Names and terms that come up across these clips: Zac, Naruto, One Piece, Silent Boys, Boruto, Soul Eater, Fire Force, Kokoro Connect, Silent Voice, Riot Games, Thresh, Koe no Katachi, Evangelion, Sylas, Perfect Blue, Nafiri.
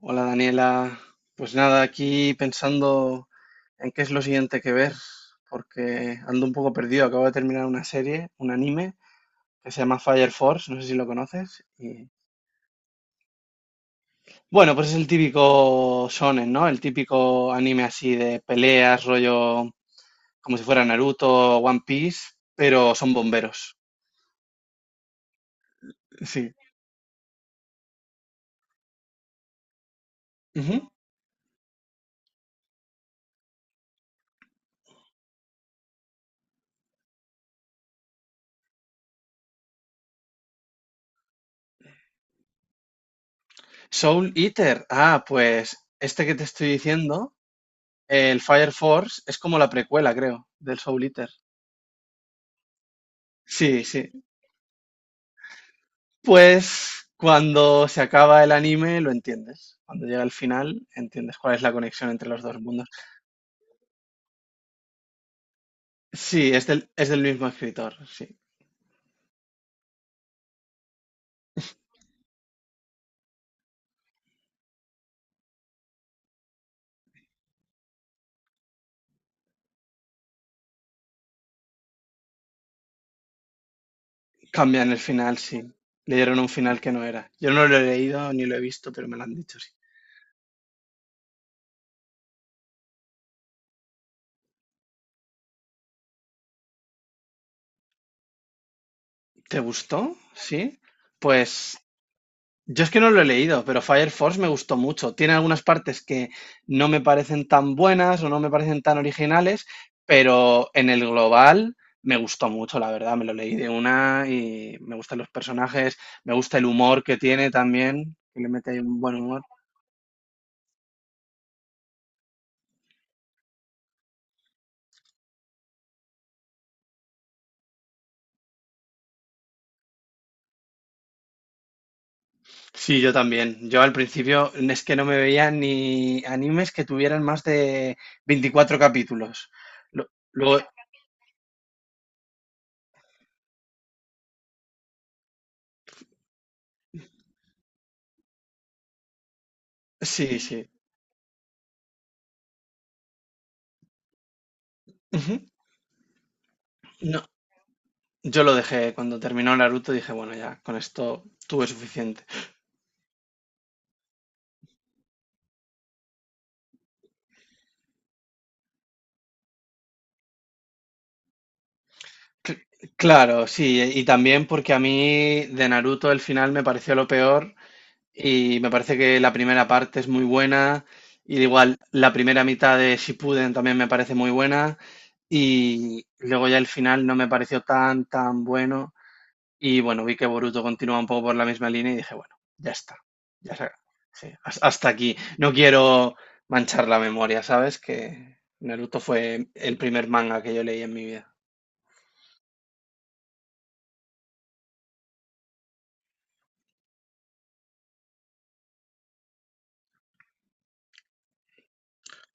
Hola Daniela, pues nada, aquí pensando en qué es lo siguiente que ver, porque ando un poco perdido. Acabo de terminar una serie, un anime, que se llama Fire Force, no sé si lo conoces. Y, bueno, pues es el típico shonen, ¿no? El típico anime así de peleas, rollo como si fuera Naruto, One Piece, pero son bomberos. Sí. Ujú. Soul Eater, ah, pues este que te estoy diciendo, el Fire Force, es como la precuela, creo, del Soul Eater. Sí, sí. Pues cuando se acaba el anime lo entiendes. Cuando llega al final entiendes cuál es la conexión entre los dos mundos. Sí, es del mismo escritor, sí. Cambian el final, sí. Le dieron un final que no era. Yo no lo he leído ni lo he visto, pero me lo han dicho, sí. ¿Te gustó? Sí. Pues, yo es que no lo he leído, pero Fire Force me gustó mucho. Tiene algunas partes que no me parecen tan buenas o no me parecen tan originales, pero en el global me gustó mucho, la verdad. Me lo leí de una y me gustan los personajes, me gusta el humor que tiene también, que le mete ahí un buen humor. Sí, yo también. Yo al principio es que no me veía ni animes que tuvieran más de 24 capítulos. Luego, sí, sí. Ujú. No, yo lo dejé cuando terminó Naruto, dije, bueno, ya, con esto tuve suficiente. Cl- claro, sí, y también porque a mí de Naruto el final me pareció lo peor y me parece que la primera parte es muy buena y igual la primera mitad de Shippuden también me parece muy buena y luego ya el final no me pareció tan, tan bueno. Y bueno, vi que Boruto continuaba un poco por la misma línea y dije, bueno, ya está, ya se ha- dije, Hasta aquí. No quiero manchar la memoria, ¿sabes? Que Naruto fue el primer manga que yo leí en mi vida.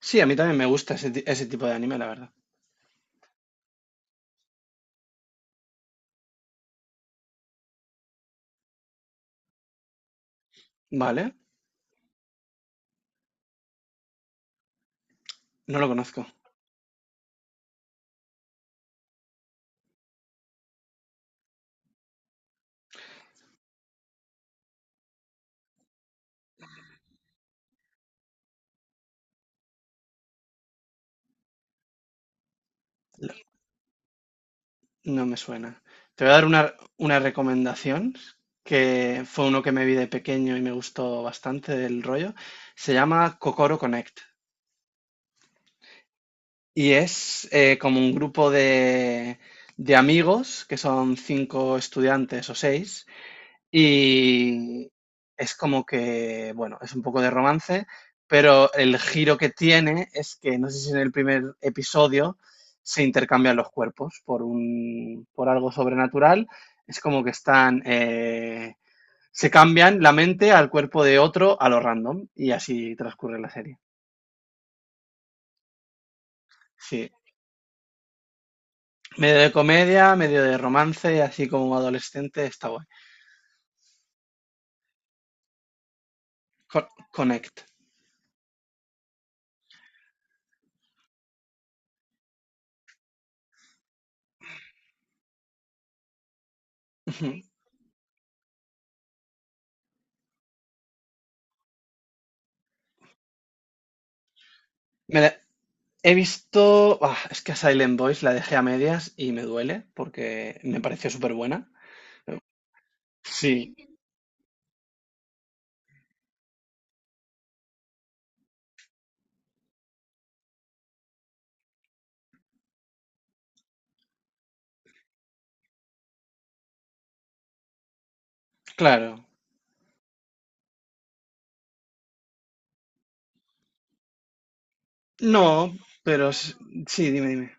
Sí, a mí también me gusta ese tipo de anime, la verdad. Vale, no lo conozco, no me suena. Te voy a dar una recomendación que fue uno que me vi de pequeño y me gustó bastante del rollo. Se llama Kokoro Connect. Y es como un grupo de amigos, que son cinco estudiantes o seis, y es como que, bueno, es un poco de romance, pero el giro que tiene es que, no sé si en el primer episodio se intercambian los cuerpos por algo sobrenatural, es como que están, se cambian la mente al cuerpo de otro a lo random, y así transcurre la serie. Sí, medio de comedia, medio de romance, así como adolescente, está guay. Connect. Ujú. Me la- He visto. Ah, es que a Silent Boys la dejé a medias y me duele porque me pareció súper buena. Sí, claro. No, pero sí, dime, dime.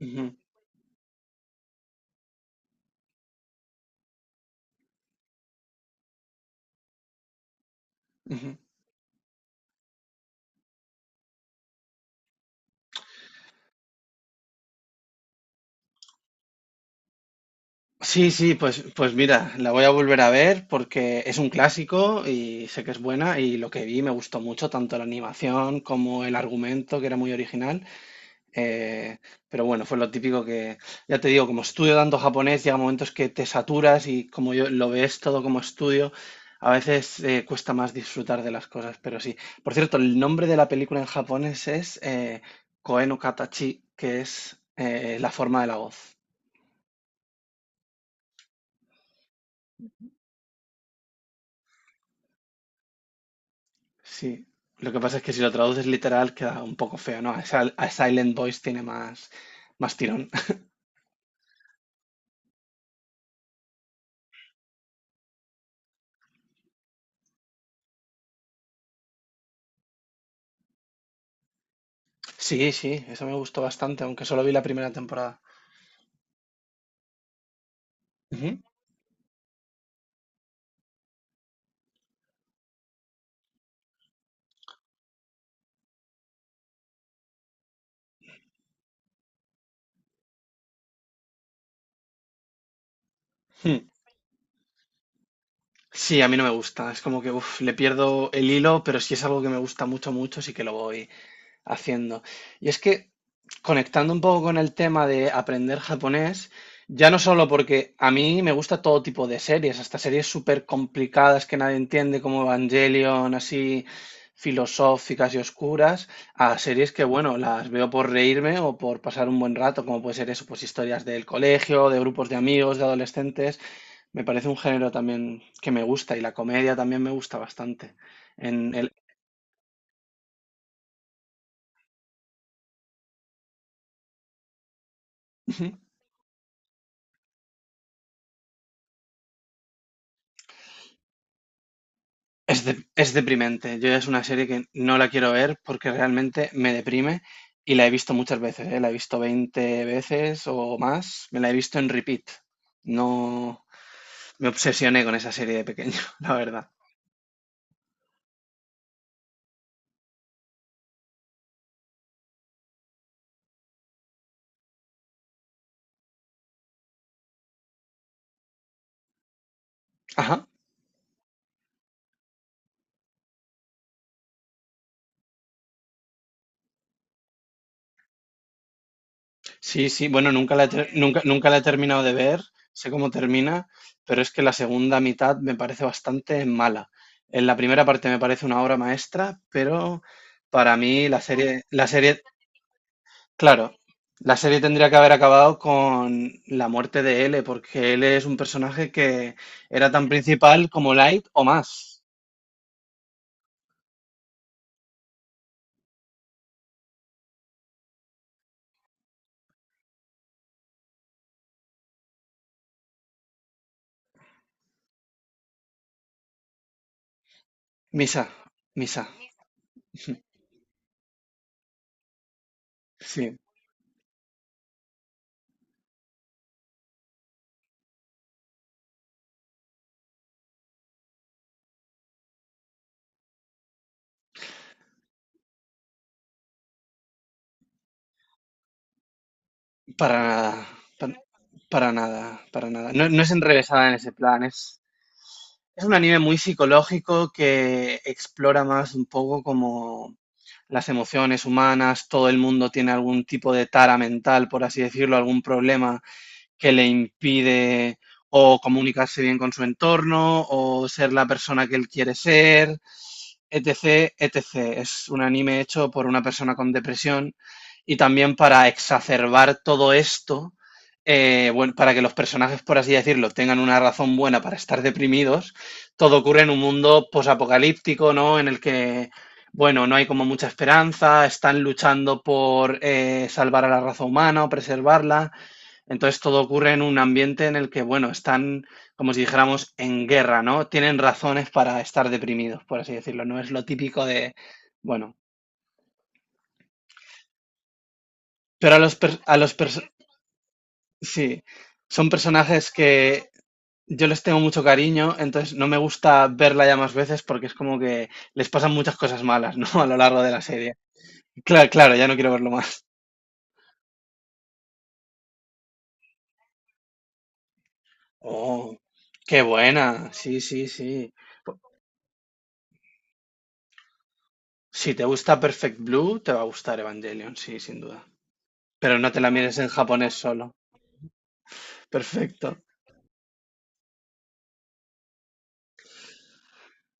Ujú, ujú. Sí, sí, pues mira, la voy a volver a ver porque es un clásico y sé que es buena y lo que vi me gustó mucho, tanto la animación como el argumento, que era muy original. Eh, pero bueno, fue lo típico que, ya te digo, como estudio tanto japonés, llega momentos que te saturas y como yo lo ves todo como estudio, a veces cuesta más disfrutar de las cosas, pero sí. Por cierto, el nombre de la película en japonés es Koe no Katachi, que es la forma de la voz. Sí. Lo que pasa es que si lo traduces literal queda un poco feo, ¿no? A Silent Voice tiene más, más tirón. Sí, sí, eso me gustó bastante, aunque solo vi la primera temporada. Ujú. Hmm. Sí, a mí no me gusta. Es como que uf, le pierdo el hilo, pero si es algo que me gusta mucho, mucho, sí que lo voy haciendo. Y es que, conectando un poco con el tema de aprender japonés, ya no solo porque a mí me gusta todo tipo de series, hasta series súper complicadas que nadie entiende, como Evangelion, así filosóficas y oscuras, a series que, bueno, las veo por reírme o por pasar un buen rato, como puede ser eso, pues historias del colegio, de grupos de amigos, de adolescentes. Me parece un género también que me gusta y la comedia también me gusta bastante. En el. Ujú. Es deprimente. Yo ya es una serie que no la quiero ver porque realmente me deprime y la he visto muchas veces, ¿eh? La he visto 20 veces o más. Me la he visto en repeat. No me obsesioné con esa serie de pequeño, la verdad. Ajá. Sí, sí, bueno, nunca la he terminado de ver, sé cómo termina, pero es que la segunda mitad me parece bastante mala. En la primera parte me parece una obra maestra, pero para mí la serie, claro, la serie tendría que haber acabado con la muerte de L, porque L es un personaje que era tan principal como Light o más. Misa, Misa, sí, para nada, pa- para, nada, para nada. No, no es enrevesada en ese plan, es un anime muy psicológico que explora más un poco como las emociones humanas, todo el mundo tiene algún tipo de tara mental, por así decirlo, algún problema que le impide o comunicarse bien con su entorno o ser la persona que él quiere ser etc, etc. Es un anime hecho por una persona con depresión y también para exacerbar todo esto, bueno, para que los personajes, por así decirlo, tengan una razón buena para estar deprimidos, todo ocurre en un mundo posapocalíptico, ¿no? En el que, bueno, no hay como mucha esperanza, están luchando por salvar a la raza humana o preservarla, entonces todo ocurre en un ambiente en el que, bueno, están, como si dijéramos, en guerra, ¿no? Tienen razones para estar deprimidos, por así decirlo. No es lo típico de, bueno, pero a los, per- a los perso- sí, son personajes que yo les tengo mucho cariño, entonces no me gusta verla ya más veces porque es como que les pasan muchas cosas malas, ¿no? A lo largo de la serie. Claro, claro, ya no quiero verlo más. Oh, qué buena. Sí, sí, sí. Po- Si te gusta Perfect Blue, te va a gustar Evangelion, sí, sin duda. Pero no te la mires en japonés solo. Perfecto.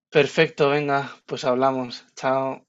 Perfecto, venga, pues hablamos. Chao.